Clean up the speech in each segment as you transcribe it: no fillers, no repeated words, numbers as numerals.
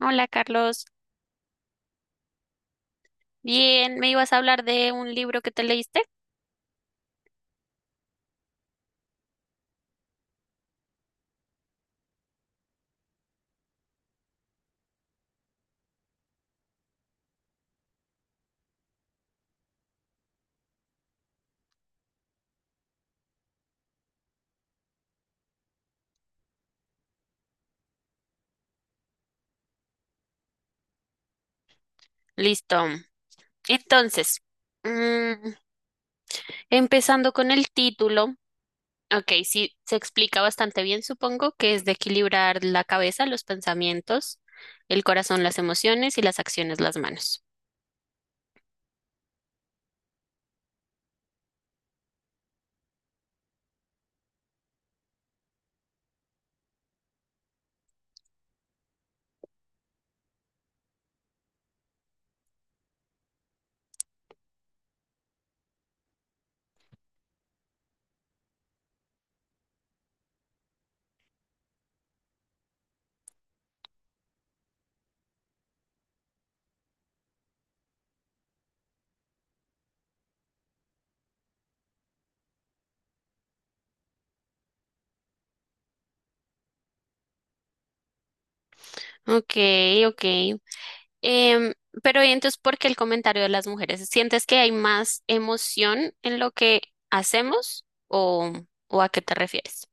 Hola Carlos, bien, ¿me ibas a hablar de un libro que te leíste? Listo. Entonces, mm, empezando con el título, ok, sí, se explica bastante bien, supongo, que es de equilibrar la cabeza, los pensamientos, el corazón, las emociones y las acciones, las manos. Ok, ok. Em, pero ¿y entonces, ¿por qué el comentario de las mujeres? ¿Sientes que hay más emoción en lo que hacemos o a qué te refieres?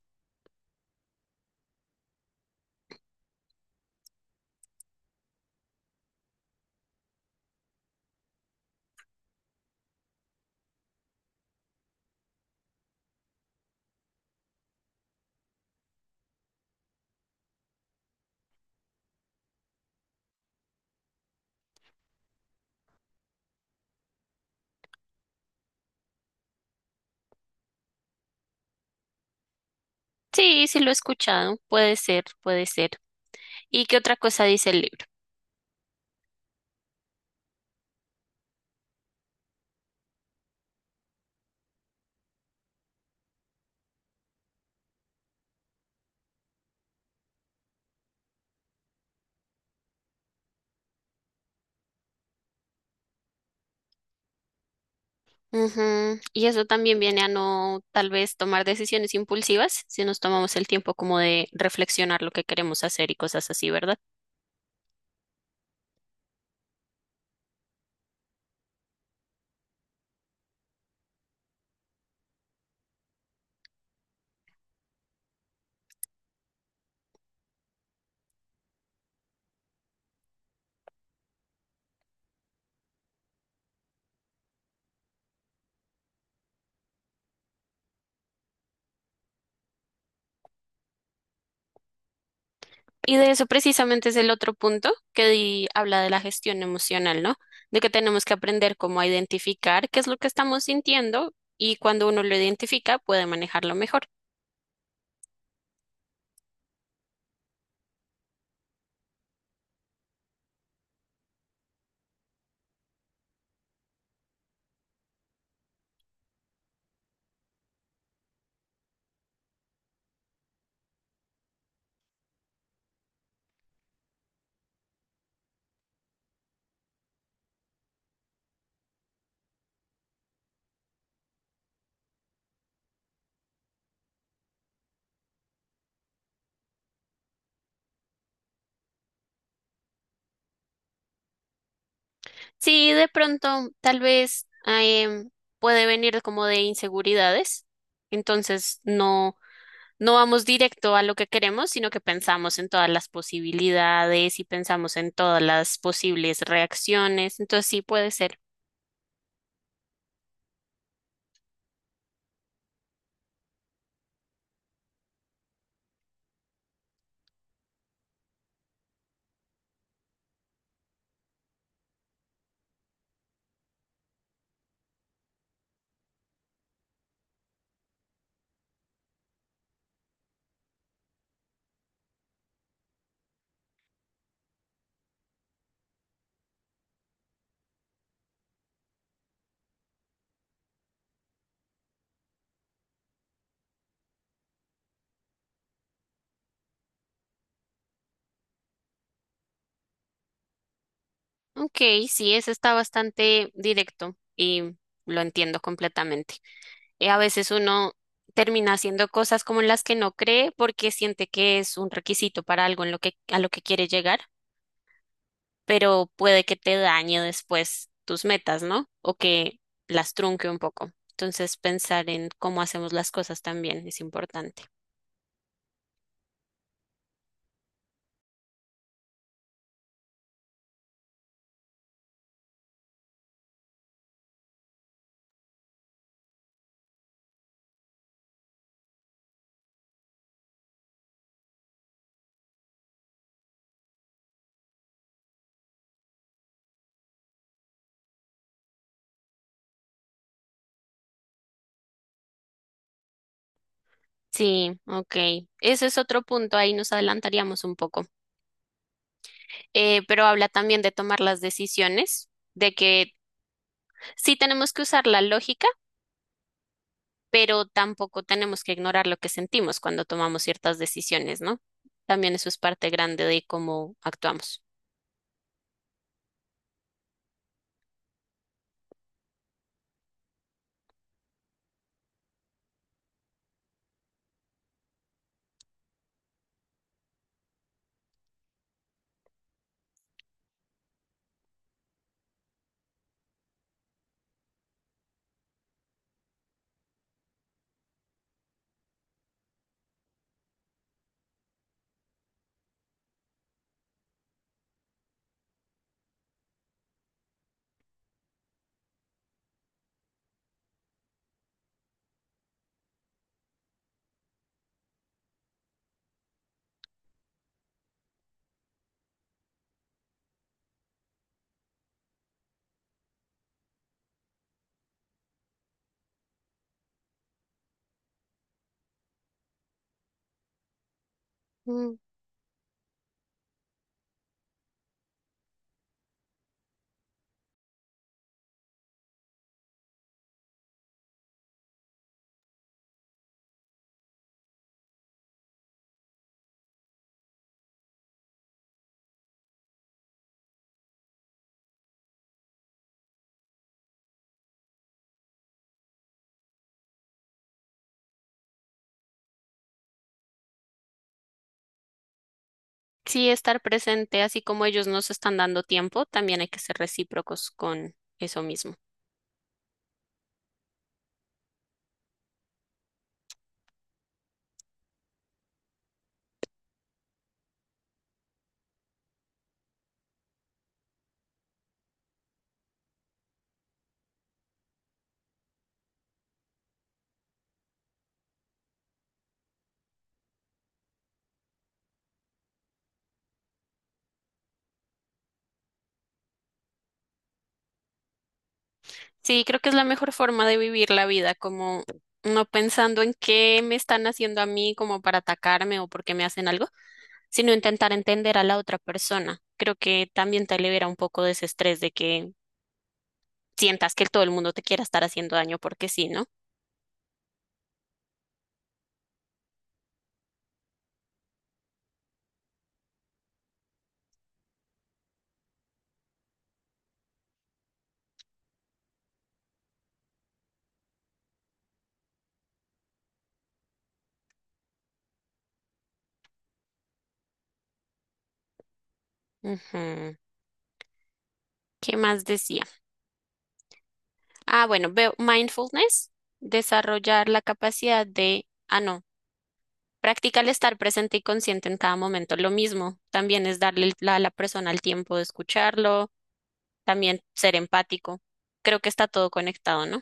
Sí, sí lo he escuchado. Puede ser, puede ser. ¿Y qué otra cosa dice el libro? Ujú. Y eso también viene a no tal vez tomar decisiones impulsivas si nos tomamos el tiempo como de reflexionar lo que queremos hacer y cosas así, ¿verdad? Y de eso precisamente es el otro punto habla de la gestión emocional, ¿no? De que tenemos que aprender cómo a identificar qué es lo que estamos sintiendo y cuando uno lo identifica puede manejarlo mejor. Sí, de pronto tal vez puede venir como de inseguridades, entonces no vamos directo a lo que queremos, sino que pensamos en todas las posibilidades y pensamos en todas las posibles reacciones, entonces sí puede ser. Ok, sí, eso está bastante directo y lo entiendo completamente. A veces uno termina haciendo cosas como en las que no cree porque siente que es un requisito para algo en a lo que quiere llegar, pero puede que te dañe después tus metas, ¿no? O que las trunque un poco. Entonces, pensar en cómo hacemos las cosas también es importante. Sí, ok. Ese es otro punto, ahí nos adelantaríamos un poco. Pero habla también de tomar las decisiones de que sí tenemos que usar la lógica, pero tampoco tenemos que ignorar lo que sentimos cuando tomamos ciertas decisiones, ¿no? También eso es parte grande de cómo actuamos. Mm. Sí, estar presente, así como ellos nos están dando tiempo, también hay que ser recíprocos con eso mismo. Sí, creo que es la mejor forma de vivir la vida, como no pensando en qué me están haciendo a mí como para atacarme o por qué me hacen algo, sino intentar entender a la otra persona. Creo que también te libera un poco de ese estrés de que sientas que todo el mundo te quiera estar haciendo daño porque sí, ¿no? Ujú. ¿Qué más decía? Ah, bueno, veo mindfulness, desarrollar la capacidad de, ah, no, practicar el estar presente y consciente en cada momento. Lo mismo, también es darle a la persona el tiempo de escucharlo, también ser empático. Creo que está todo conectado, ¿no?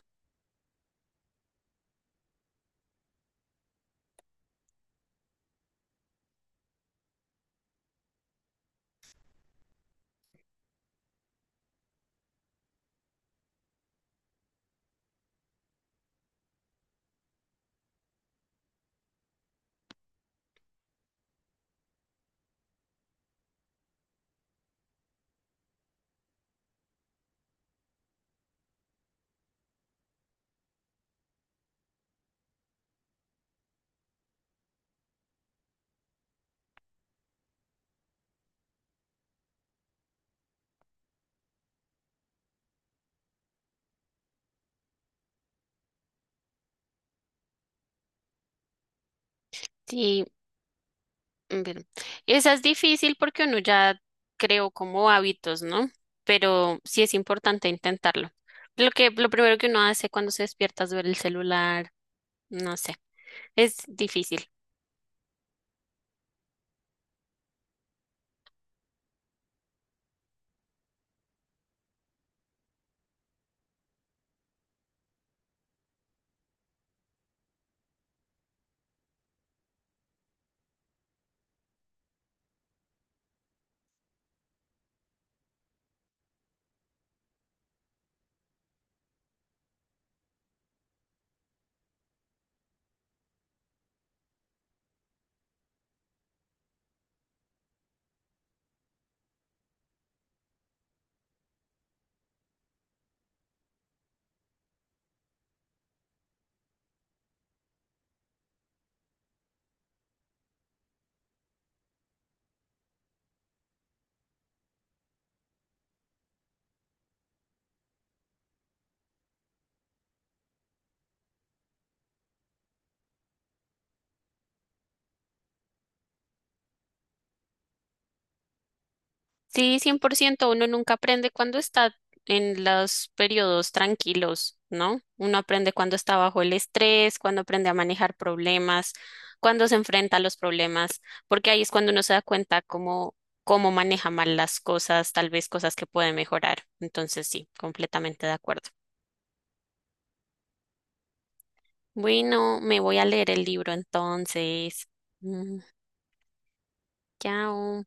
Sí, ver. Esa es difícil porque uno ya creó como hábitos, ¿no? Pero sí es importante intentarlo. Lo primero que uno hace cuando se despierta es ver el celular, no sé, es difícil. Sí, 100%. Uno nunca aprende cuando está en los periodos tranquilos, ¿no? Uno aprende cuando está bajo el estrés, cuando aprende a manejar problemas, cuando se enfrenta a los problemas, porque ahí es cuando uno se da cuenta cómo maneja mal las cosas, tal vez cosas que puede mejorar. Entonces, sí, completamente de acuerdo. Bueno, me voy a leer el libro entonces. Mm, chao.